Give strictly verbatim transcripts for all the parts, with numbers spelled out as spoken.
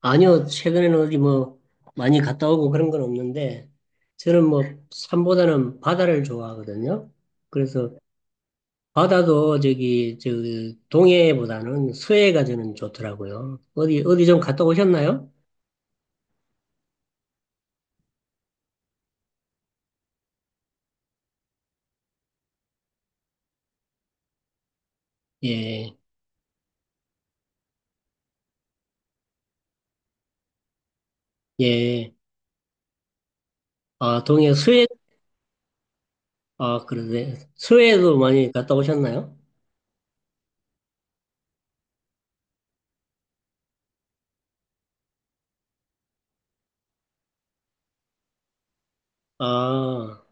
아니요, 최근에는 어디 뭐 많이 갔다 오고 그런 건 없는데, 저는 뭐 산보다는 바다를 좋아하거든요. 그래서 바다도 저기, 저 그 동해보다는 서해가 저는 좋더라고요. 어디, 어디 좀 갔다 오셨나요? 예, 예. 아, 동해, 서해, 아, 그러네. 서해도 많이 갔다 오셨나요? 아,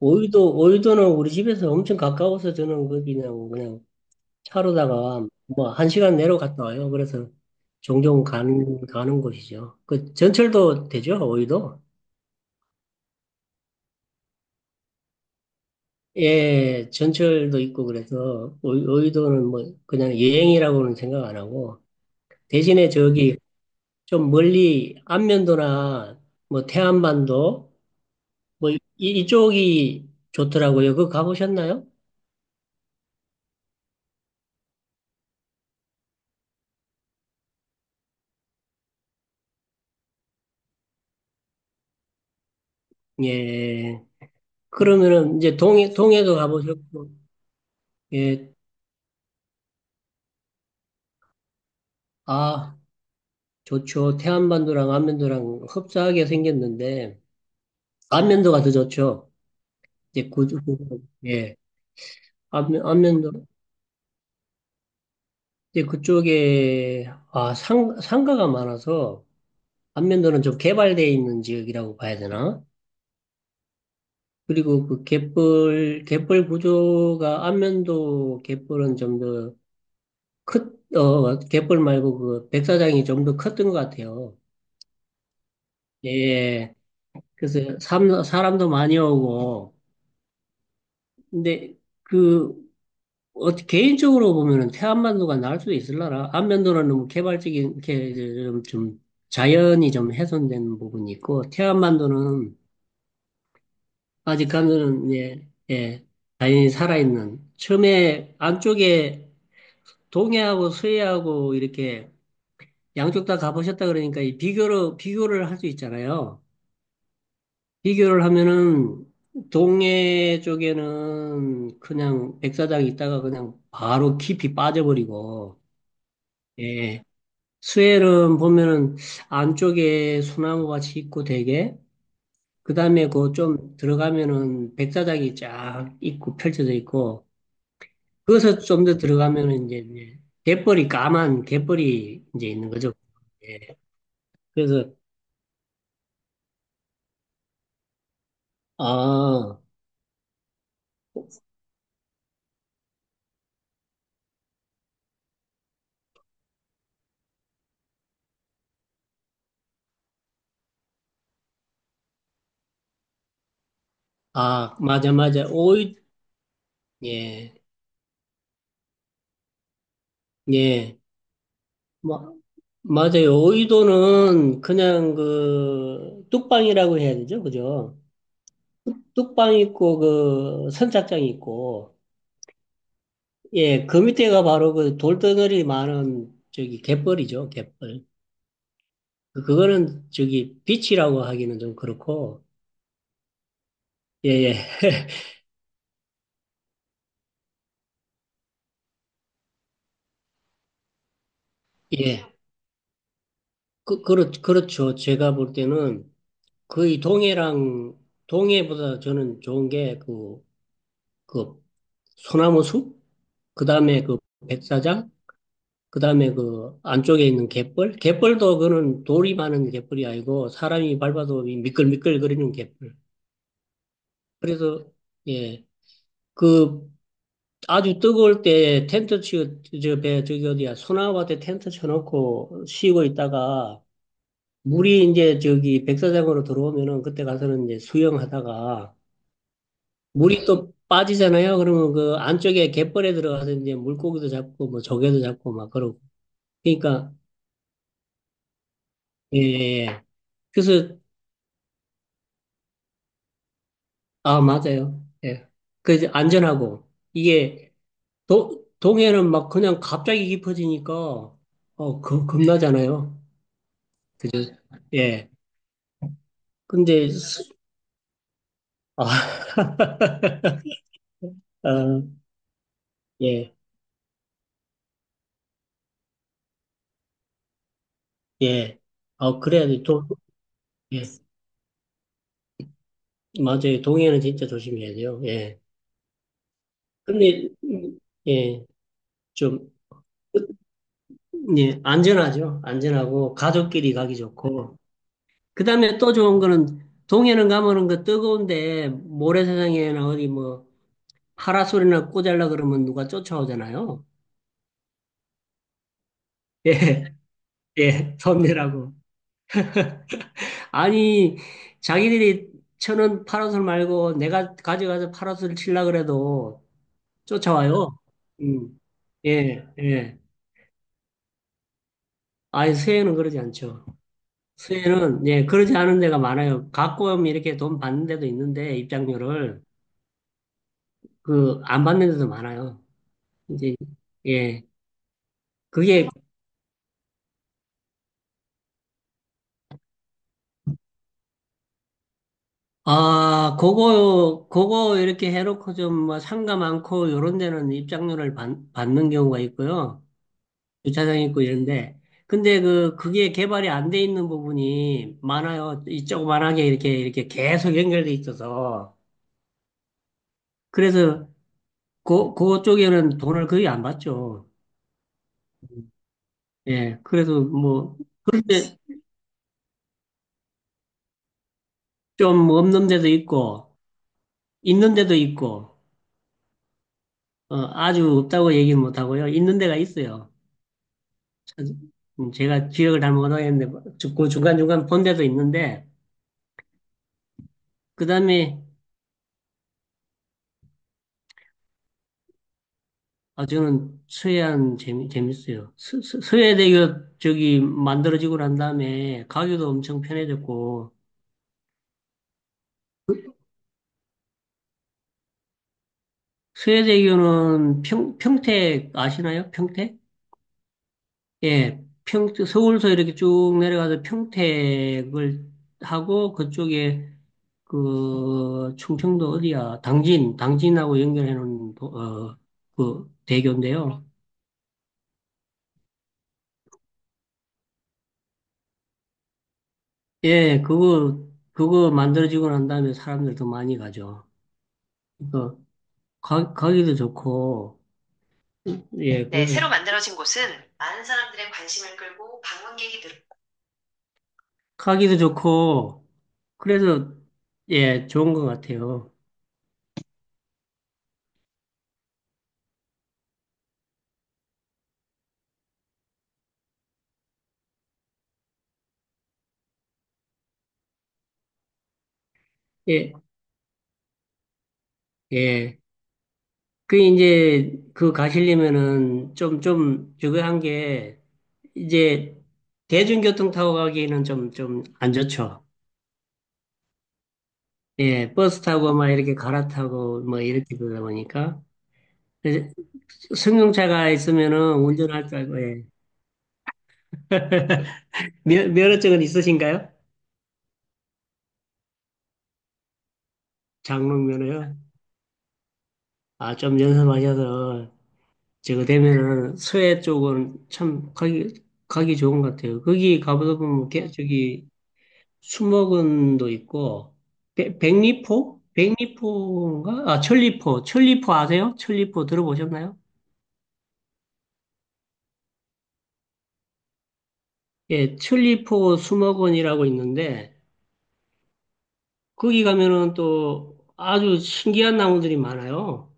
오이도, 오이도는 우리 집에서 엄청 가까워서 저는 거기 그냥, 그냥 차로다가 뭐 한 시간 내로 갔다 와요. 그래서 종종 가는 가는 곳이죠. 그 전철도 되죠, 오이도? 예, 전철도 있고 그래서 오이- 오이도는 뭐 그냥 여행이라고는 생각 안 하고 대신에 저기 좀 멀리 안면도나 뭐 태안반도 뭐 이, 이쪽이 좋더라고요. 그거 가보셨나요? 예. 그러면은 이제 동해 동해도 가보셨고 예. 아. 좋죠. 태안반도랑 안면도랑 흡사하게 생겼는데, 안면도가 더 좋죠. 이제 그, 그- 예. 안면, 안면도, 이제 그쪽에, 아, 상, 상가가 많아서, 안면도는 좀 개발되어 있는 지역이라고 봐야 되나? 그리고 그 갯벌, 갯벌 구조가, 안면도 갯벌은 좀 더 컸, 어, 갯벌 말고 그 백사장이 좀 더 컸던 것 같아요. 예. 그래서 삼- 사람도 많이 오고, 근데, 그 어, 개인적으로 보면은 태안만도가 나을 수도 있을라나 안면도는 너무 개발적인 이렇게 좀, 좀 자연이 좀 훼손된 부분이 있고 태안만도는 아직까지는 예, 예, 자연이 살아있는 처음에 안쪽에 동해하고 서해하고 이렇게 양쪽 다 가보셨다 그러니까 이 비교를 비교를 할 수 있잖아요. 비교를 하면은 동해 쪽에는 그냥 백사장 있다가 그냥 바로 깊이 빠져버리고 예, 스웰은 보면은 안쪽에 소나무 같이 있고 되게 그다음에 그 좀 들어가면은 백사장이 쫙 있고 펼쳐져 있고 그것을 좀 더 들어가면은 이제 이제 갯벌이 까만 갯벌이 이제 있는 거죠. 예. 그래서 아, 아 맞아 맞아 오이 예. 예. 뭐 맞아요. 오이도는 그냥 그 뚝방이라고 해야 되죠. 그죠? 뚝방 있고 그 선착장 있고 예, 그 밑에가 바로 그 돌덩어리 많은 저기 갯벌이죠, 갯벌. 그- 그거는 저기 비치라고 하기는 좀 그렇고, 예, 예, 예. 그, 그렇, 그렇죠. 제가 볼 때는 거의 동해랑, 동해보다 저는 좋은 게 그, 그 소나무 숲, 그 다음에 그 백사장, 그 다음에 그 안쪽에 있는 갯벌. 갯벌도 그거는 돌이 많은 갯벌이 아니고 사람이 밟아도 미끌미끌거리는 갯벌. 그래서, 예. 그 아주 뜨거울 때 텐트 치고, 저, 배, 저기 어디야, 소나무한테 텐트 쳐놓고 쉬고 있다가, 물이 이제 저기 백사장으로 들어오면은 그때 가서는 이제 수영하다가, 물이 네. 또 빠지잖아요. 그러면 그 안쪽에 갯벌에 들어가서 이제 물고기도 잡고, 뭐 조개도 잡고 막 그러고. 그러니까, 예, 예. 예. 그래서, 아, 맞아요. 예. 그 이제 안전하고, 이게, 도, 동해는 막 그냥 갑자기 깊어지니까, 어, 겁- 겁나잖아요. 예. 근데 수- 아, 아, 예, 예. 아, 그래야 돼. 도, 예. 맞아요. 동해는 진짜 조심해야 돼요. 예. 근데 음, 예, 좀 예, 안전하죠. 안전하고 가족끼리 가기 좋고. 그다음에 또 좋은 거는 동해는 가면은 그 뜨거운데 모래사장이나 어디 뭐 파라솔이나 꽂으려 그러면 누가 쫓아오잖아요. 예. 예. 손내라고. 아니, 자기들이 쳐는 파라솔 말고 내가 가져가서 파라솔 칠라 그래도 쫓아와요. 음. 예, 예. 아니, 수혜는 그러지 않죠. 수혜는, 예, 그러지 않은 데가 많아요. 가끔 이렇게 돈 받는 데도 있는데, 입장료를, 그, 안 받는 데도 많아요. 이제, 예. 그게, 아, 그거, 그거 이렇게 해놓고 좀뭐 상가 많고, 요런 데는 입장료를 받, 받는 경우가 있고요. 주차장 있고 이런데. 근데 그, 그게 개발이 안 돼 있는 부분이 많아요. 이쪽그만하게 이렇게, 이렇게 계속 연결돼 있어서. 그래서, 그, 그쪽에는 돈을 거의 안 받죠. 예, 그래서 뭐, 근데 좀 없는 데도 있고, 있는 데도 있고, 어, 아주 없다고 얘기는 못 하고요. 있는 데가 있어요. 참, 음, 제가 기억을 잘못 하겠는데, 그 중간중간 본 데도 있는데, 그 다음에 아, 저는 서해안 재미, 재밌어요. 서, 서, 서해대교 저기 만들어지고 난 다음에 가기도 엄청 편해졌고, 서해대교는 평, 평택 아시나요? 평택? 예, 평 서울서 이렇게 쭉 내려가서 평택을 하고, 그쪽에 그 충청도 어디야? 당진, 당진하고 연결해 놓은 도- 어, 그 대교인데요. 예, 그거 그거 만들어지고 난 다음에 사람들 더 많이 가죠. 그러니까 가, 가기도 좋고, 예, 네, 그래서 가기도 좋고, 그래서 예, 좋은 것 같아요. 예, 예. 그 이제 그 가시려면은 좀, 좀 저거 한 게, 이제 대중교통 타고 가기에는 좀, 좀 안 좋죠. 예, 버스 타고 막 이렇게 갈아타고 뭐 이렇게 그러다 보니까. 그래서 승용차가 있으면은 운전할 줄 알고, 예. 면, 면허증은 있으신가요? 장롱면에요. 아, 좀 연습하셔서 저거 되면은 서해 쪽은 참 가기 가기 좋은 것 같아요. 거기 가보다 보면 게- 저기 수목원도 있고 백- 백리포? 백리포인가? 아, 천리포. 천리포 아세요? 천리포 들어보셨나요? 예, 천리포 수목원이라고 있는데 거기 가면은 또 아주 신기한 나무들이 많아요.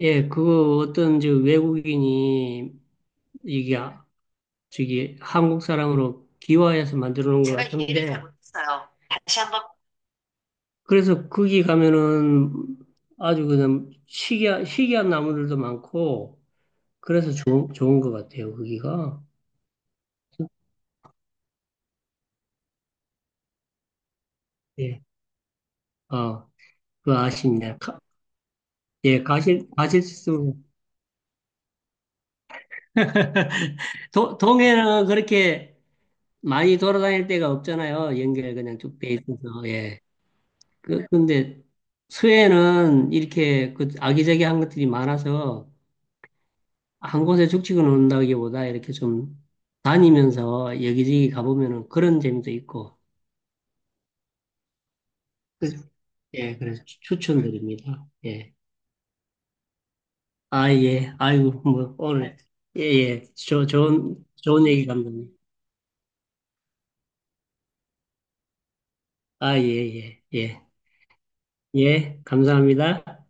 예, 그 어떤 저 외국인이 이게 저기 한국 사람으로 기와해서 만들어 놓은 것 같은데 그래서 거기 가면은 아주 그냥 희귀한, 희귀한 나무들도 많고 그래서 좋은, 좋은 것 같아요 거기가 예. 아, 그 아쉽네 가, 예, 가실 가실수 도- 동해는 그렇게 많이 돌아다닐 데가 없잖아요. 연결 그냥 쭉 돼 있어서. 예. 그, 근데 서해는 이렇게 그 아기자기한 것들이 많아서 한 곳에 죽치고 논다기보다 이렇게 좀 다니면서 여기저기 가보면은 그런 재미도 있고. 그, 예, 그래서 추- 추천드립니다. 예. 아, 예. 아이고, 뭐, 오늘. 예, 예. 저, 좋은, 좋은 얘기 감독님. 아, 예, 예, 예. 예, 감사합니다.